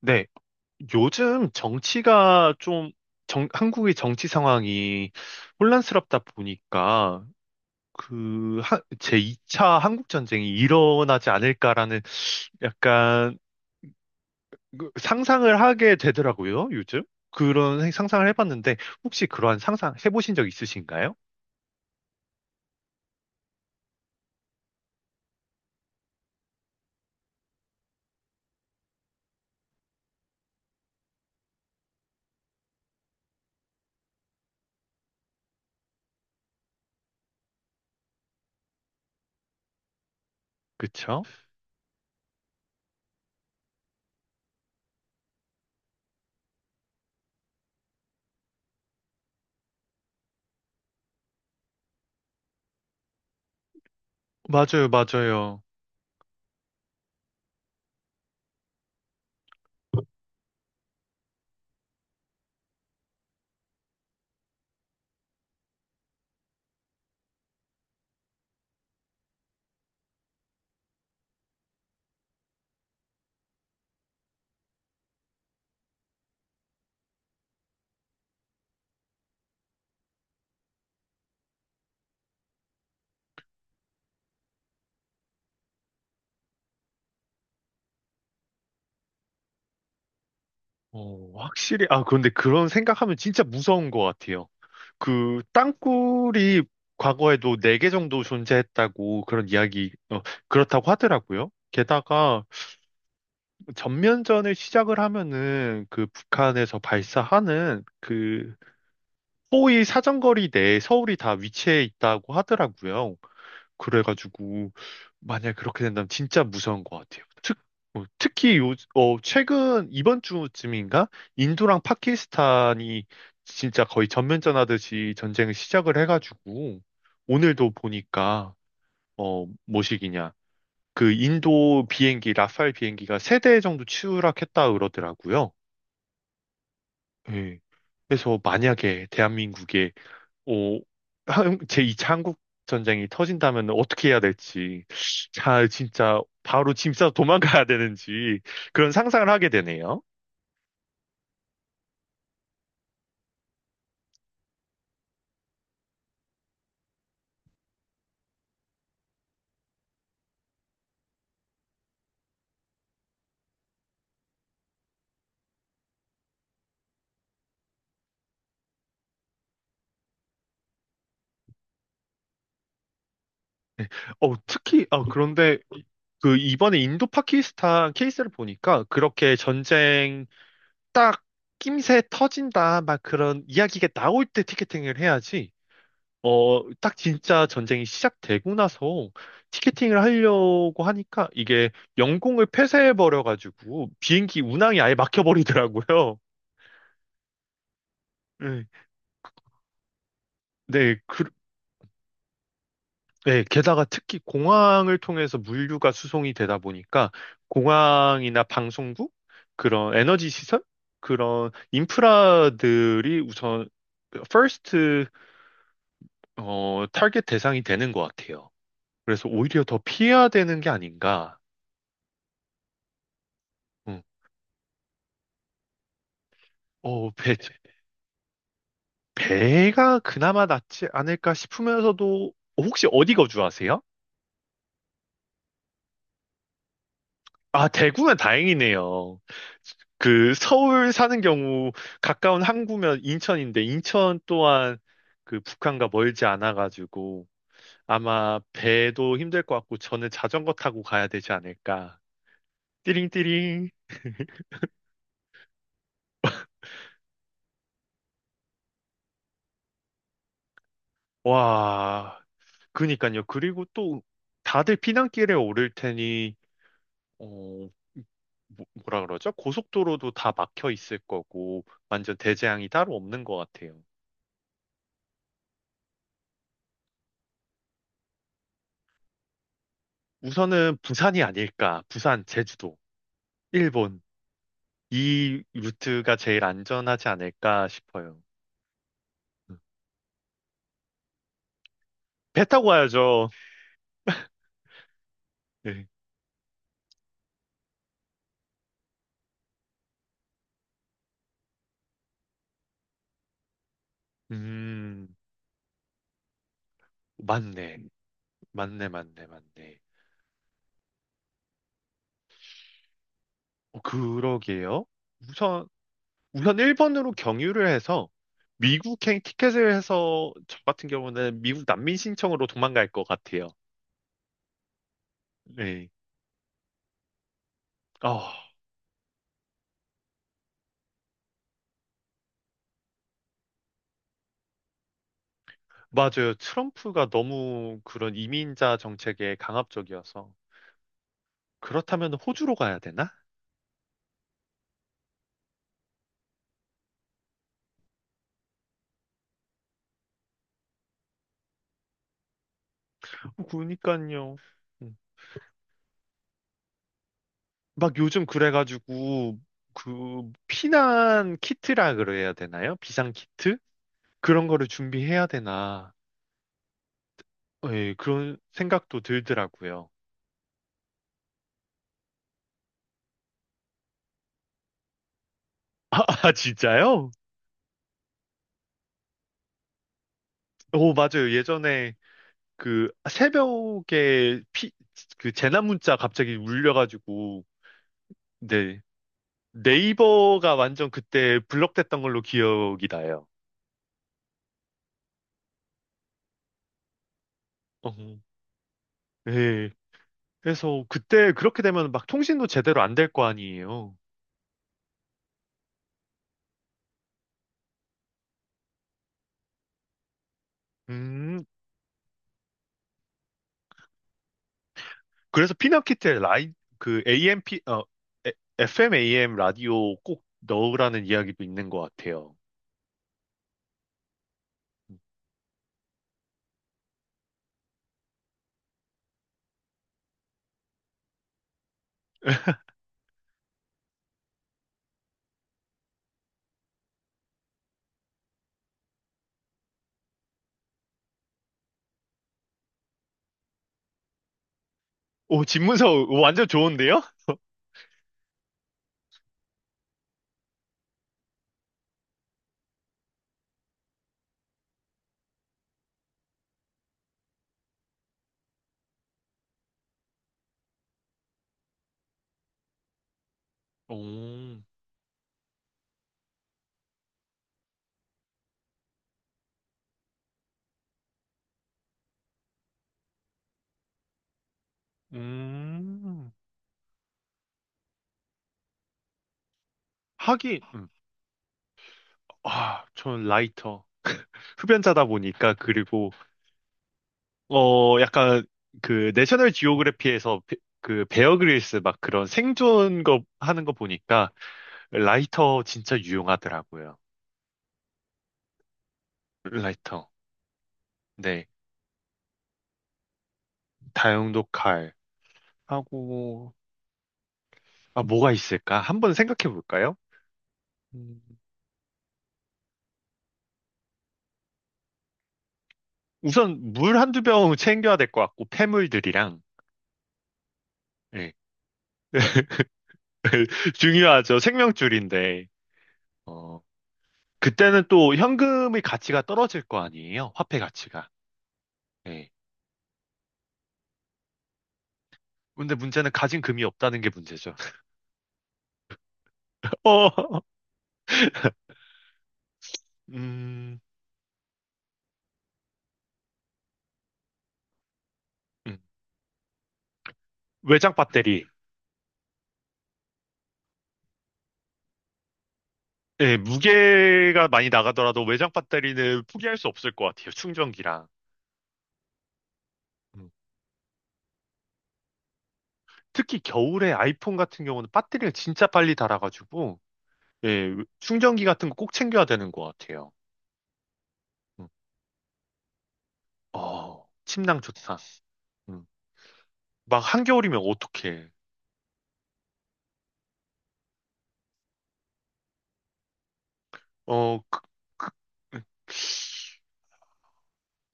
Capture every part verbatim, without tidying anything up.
네, 요즘 정치가 좀, 정, 한국의 정치 상황이 혼란스럽다 보니까, 그, 하, 제이 차 한국전쟁이 일어나지 않을까라는 약간 그 상상을 하게 되더라고요, 요즘. 그런 생- 상상을 해봤는데, 혹시 그러한 상상 해보신 적 있으신가요? 그쵸? 맞아요, 맞아요. 어, 확실히, 아, 그런데 그런 생각하면 진짜 무서운 것 같아요. 그, 땅굴이 과거에도 네 개 정도 존재했다고 그런 이야기, 어, 그렇다고 하더라고요. 게다가 전면전을 시작을 하면은 그 북한에서 발사하는 그 포의 사정거리 내에 서울이 다 위치해 있다고 하더라고요. 그래가지고 만약에 그렇게 된다면 진짜 무서운 것 같아요. 특, 어, 특히 요, 어, 최근 이번 주쯤인가 인도랑 파키스탄이 진짜 거의 전면전하듯이 전쟁을 시작을 해가지고 오늘도 보니까 어, 뭐시기냐 그 인도 비행기 라팔 비행기가 세 대 정도 추락했다 그러더라고요. 예. 그래서 만약에 대한민국에 오, 한- 제이 차 한국 전쟁이 터진다면 어떻게 해야 될지, 자, 진짜 바로 짐 싸서 도망가야 되는지 그런 상상을 하게 되네요. 어, 특히 아 그런데 그 이번에 인도 파키스탄 케이스를 보니까 그렇게 전쟁 딱 낌새 터진다 막 그런 이야기가 나올 때 티켓팅을 해야지 어, 딱 진짜 전쟁이 시작되고 나서 티켓팅을 하려고 하니까 이게 영공을 폐쇄해버려가지고 비행기 운항이 아예 막혀버리더라고요. 네, 네, 그, 네, 게다가 특히 공항을 통해서 물류가 수송이 되다 보니까 공항이나 방송국, 그런 에너지 시설, 그런 인프라들이 우선 퍼스트, 어, 타겟 대상이 되는 것 같아요. 그래서 오히려 더 피해야 되는 게 아닌가. 음. 어, 배, 배가 그나마 낫지 않을까 싶으면서도 혹시 어디 거주하세요? 아, 대구면 다행이네요. 그 서울 사는 경우 가까운 항구면 인천인데 인천 또한 그 북한과 멀지 않아 가지고 아마 배도 힘들 것 같고 저는 자전거 타고 가야 되지 않을까. 띠링띠링. 와. 그니까요. 그리고 또 다들 피난길에 오를 테니 어, 뭐, 뭐라 그러죠? 고속도로도 다 막혀 있을 거고, 완전 대재앙이 따로 없는 것 같아요. 우선은 부산이 아닐까, 부산, 제주도, 일본. 이 루트가 제일 안전하지 않을까 싶어요. 배 타고 가야죠. 네. 음, 맞네. 맞네, 맞네, 맞네. 어, 그러게요. 우선, 우선 일본으로 경유를 해서 미국행 티켓을 해서 저 같은 경우는 미국 난민 신청으로 도망갈 것 같아요. 네. 아, 맞아요. 트럼프가 너무 그런 이민자 정책에 강압적이어서. 그렇다면 호주로 가야 되나? 그러니까요. 음. 막 요즘 그래가지고, 그, 피난 키트라 그래야 되나요? 비상 키트? 그런 거를 준비해야 되나. 예, 그런 생각도 들더라고요. 아, 진짜요? 오, 맞아요. 예전에 그 새벽에 피, 그 재난 문자 갑자기 울려가지고, 네. 네이버가 완전 그때 블럭됐던 걸로 기억이 나요. 어, 예. 그래서 그때 그렇게 되면 막 통신도 제대로 안 될 거 아니에요. 음, 그래서 피너키트에 라이, 그 에이엠, 어, 에- 에프엠, 에이엠 라디오 꼭 넣으라는 이야기도 있는 것 같아요. 오, 집문서 완전 좋은데요? 오, 음, 하긴, 음, 아, 전 라이터. 흡연자다 보니까, 그리고 어, 약간 그 내셔널 지오그래피에서 베- 그 베어 그릴스 막 그런 생존 거 하는 거 보니까 라이터 진짜 유용하더라고요. 라이터. 네. 다용도 칼 하고 아 뭐가 있을까? 한번 생각해 볼까요? 음, 우선 물 한두 병 챙겨야 될 것 같고 폐물들이랑 예. 중요하죠. 생명줄인데. 어. 그때는 또 현금의 가치가 떨어질 거 아니에요? 화폐 가치가. 예. 근데 문제는 가진 금이 없다는 게 문제죠. 어, 음, 음. 외장 배터리. 예, 무게가 많이 나가더라도 외장 배터리는 포기할 수 없을 것 같아요. 충전기랑. 음. 특히 겨울에 아이폰 같은 경우는 배터리가 진짜 빨리 닳아가지고, 예, 충전기 같은 거 꼭 챙겨야 되는 것 같아요. 음. 어, 침낭 좋다. 음. 막 한겨울이면 어떡해. 어, 그-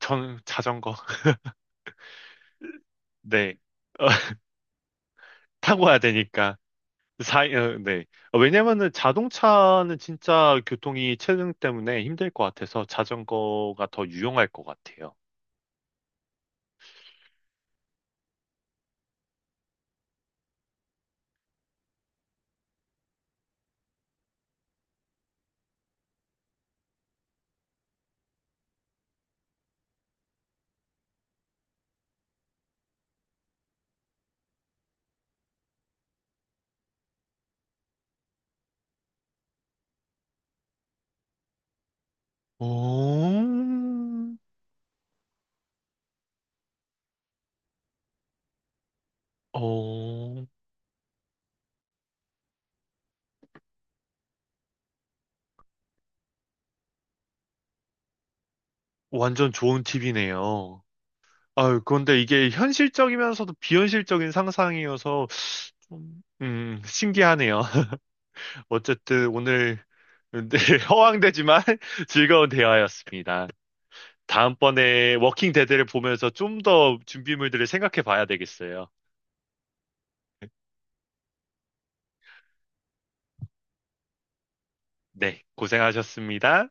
전 자전거. 네. 타고 와야 되니까. 사, 어, 네. 어, 왜냐면은 자동차는 진짜 교통이 체증 때문에 힘들 것 같아서 자전거가 더 유용할 것 같아요. 어, 어, 완전 좋은 팁이네요. 아유, 그런데 이게 현실적이면서도 비현실적인 상상이어서 좀, 음, 신기하네요. 어쨌든 오늘 네, 허황되지만 즐거운 대화였습니다. 다음번에 워킹 데드를 보면서 좀 더 준비물들을 생각해 봐야 되겠어요. 네, 고생하셨습니다.